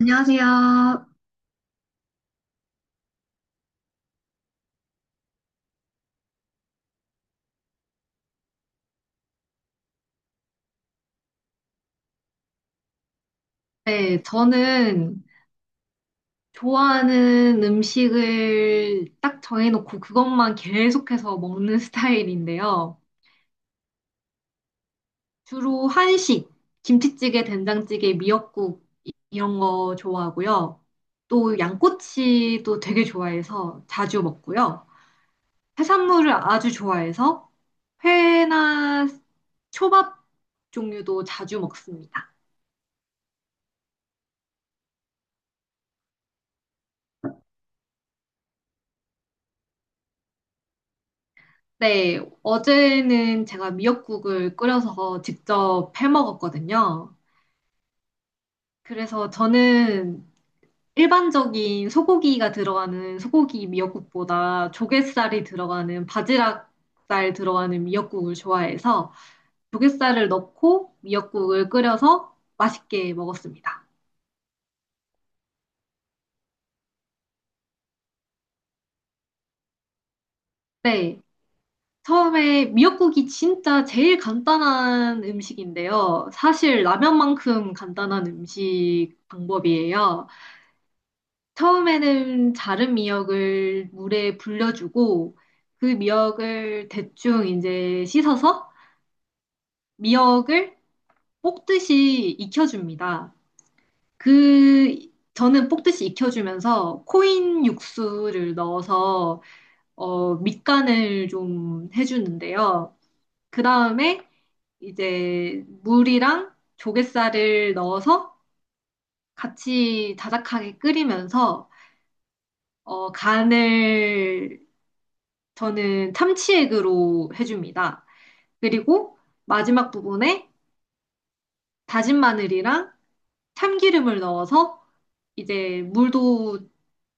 안녕하세요. 네, 저는 좋아하는 음식을 딱 정해놓고 그것만 계속해서 먹는 스타일인데요. 주로 한식, 김치찌개, 된장찌개, 미역국 이런 거 좋아하고요. 또 양꼬치도 되게 좋아해서 자주 먹고요. 해산물을 아주 좋아해서 회나 초밥 종류도 자주 먹습니다. 네, 어제는 제가 미역국을 끓여서 직접 해 먹었거든요. 그래서 저는 일반적인 소고기가 들어가는 소고기 미역국보다 조갯살이 들어가는 바지락살 들어가는 미역국을 좋아해서 조갯살을 넣고 미역국을 끓여서 맛있게 먹었습니다. 네. 처음에 미역국이 진짜 제일 간단한 음식인데요. 사실 라면만큼 간단한 음식 방법이에요. 처음에는 자른 미역을 물에 불려주고 그 미역을 대충 이제 씻어서 미역을 볶듯이 익혀줍니다. 그 저는 볶듯이 익혀주면서 코인 육수를 넣어서 밑간을 좀 해주는데요. 그 다음에 이제 물이랑 조갯살을 넣어서 같이 자작하게 끓이면서 간을 저는 참치액으로 해줍니다. 그리고 마지막 부분에 다진 마늘이랑 참기름을 넣어서 이제 물도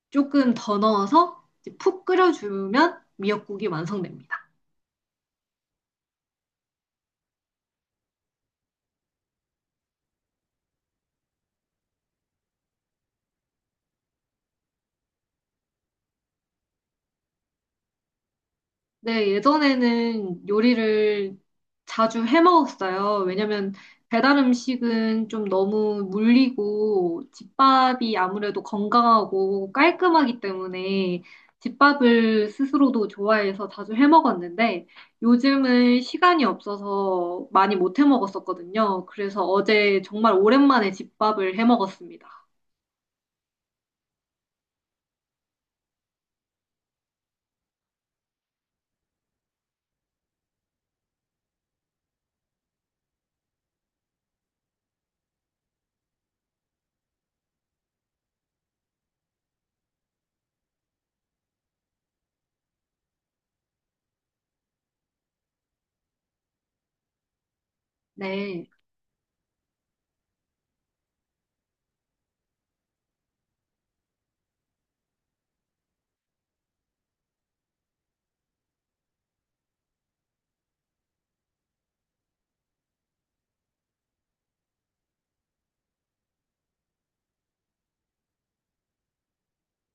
조금 더 넣어서 이제 푹 끓여주면 미역국이 완성됩니다. 네, 예전에는 요리를 자주 해 먹었어요. 왜냐면 배달 음식은 좀 너무 물리고 집밥이 아무래도 건강하고 깔끔하기 때문에 집밥을 스스로도 좋아해서 자주 해 먹었는데 요즘은 시간이 없어서 많이 못 해 먹었었거든요. 그래서 어제 정말 오랜만에 집밥을 해 먹었습니다. 네,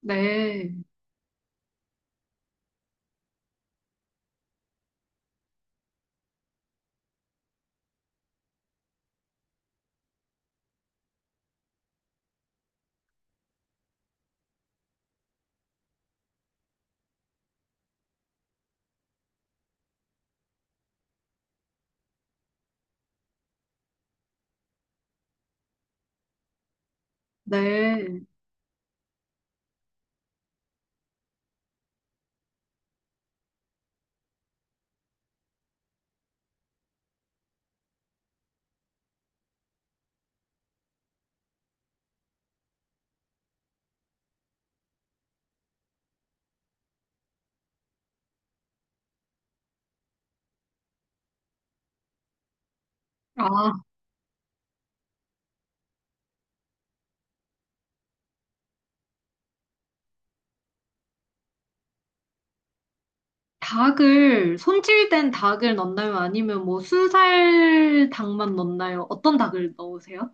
네, 네. 아. 닭을 손질된 닭을 넣나요? 아니면 뭐 순살 닭만 넣나요? 어떤 닭을 넣으세요?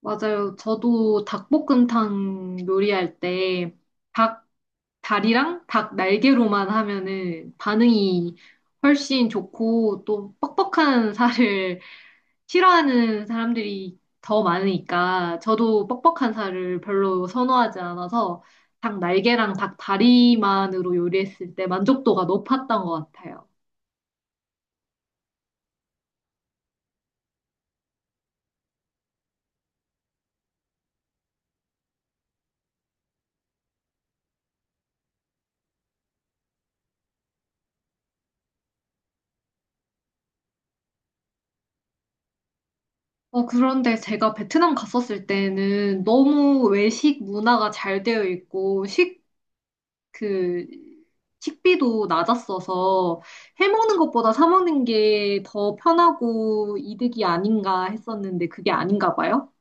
맞아요. 저도 닭볶음탕 요리할 때 닭 다리랑 닭 날개로만 하면은 반응이 훨씬 좋고 또 뻑뻑한 살을 싫어하는 사람들이 더 많으니까 저도 뻑뻑한 살을 별로 선호하지 않아서 닭 날개랑 닭 다리만으로 요리했을 때 만족도가 높았던 것 같아요. 어, 그런데 제가 베트남 갔었을 때는 너무 외식 문화가 잘 되어 있고, 식 그 식비도 낮았어서 해먹는 것보다 사 먹는 게 더 편하고 이득이 아닌가 했었는데 그게 아닌가 봐요.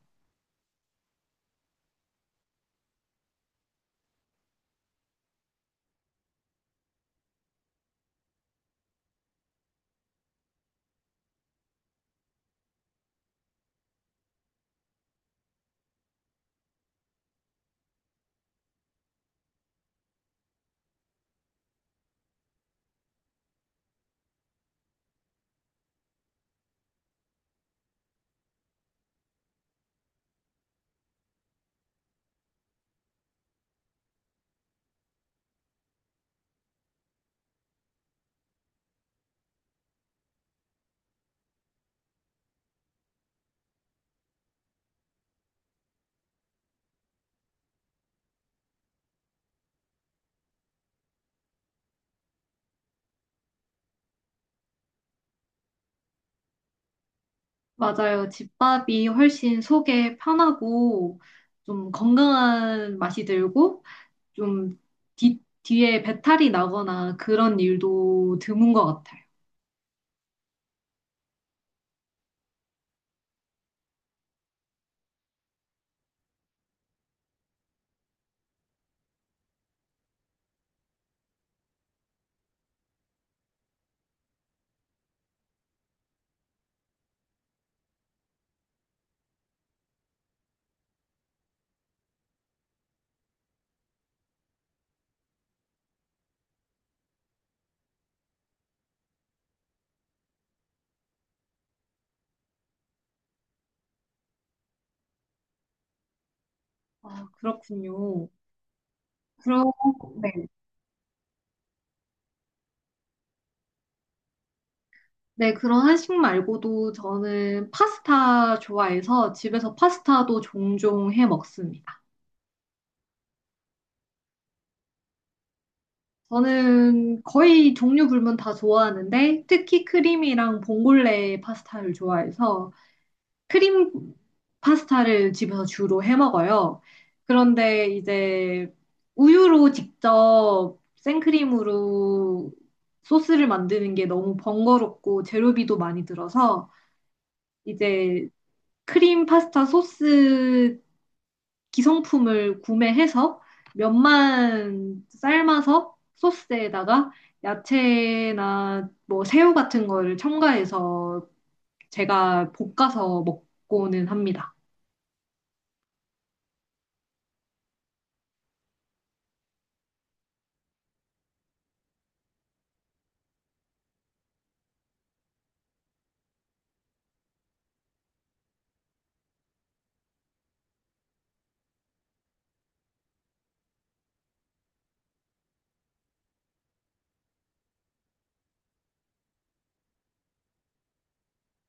맞아요. 집밥이 훨씬 속에 편하고 좀 건강한 맛이 들고 좀 뒤에 배탈이 나거나 그런 일도 드문 것 같아요. 아, 그렇군요. 그럼, 네. 네, 그런 한식 말고도 저는 파스타 좋아해서 집에서 파스타도 종종 해 먹습니다. 저는 거의 종류 불문 다 좋아하는데 특히 크림이랑 봉골레 파스타를 좋아해서 크림 파스타를 집에서 주로 해 먹어요. 그런데 이제 우유로 직접 생크림으로 소스를 만드는 게 너무 번거롭고 재료비도 많이 들어서 이제 크림 파스타 소스 기성품을 구매해서 면만 삶아서 소스에다가 야채나 뭐 새우 같은 거를 첨가해서 제가 볶아서 먹고는 합니다.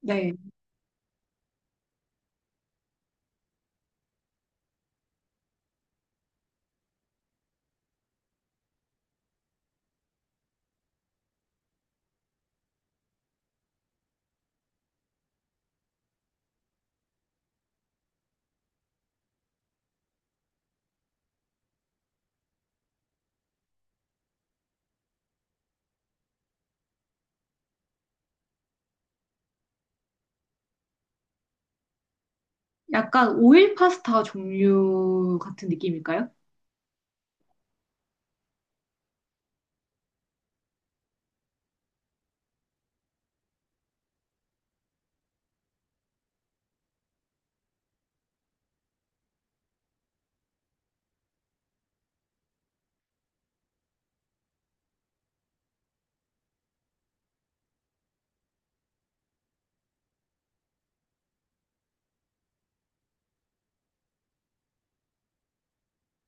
네. 약간 오일 파스타 종류 같은 느낌일까요?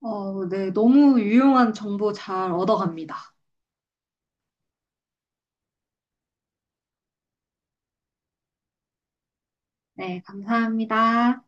어, 네. 너무 유용한 정보 잘 얻어갑니다. 네. 감사합니다.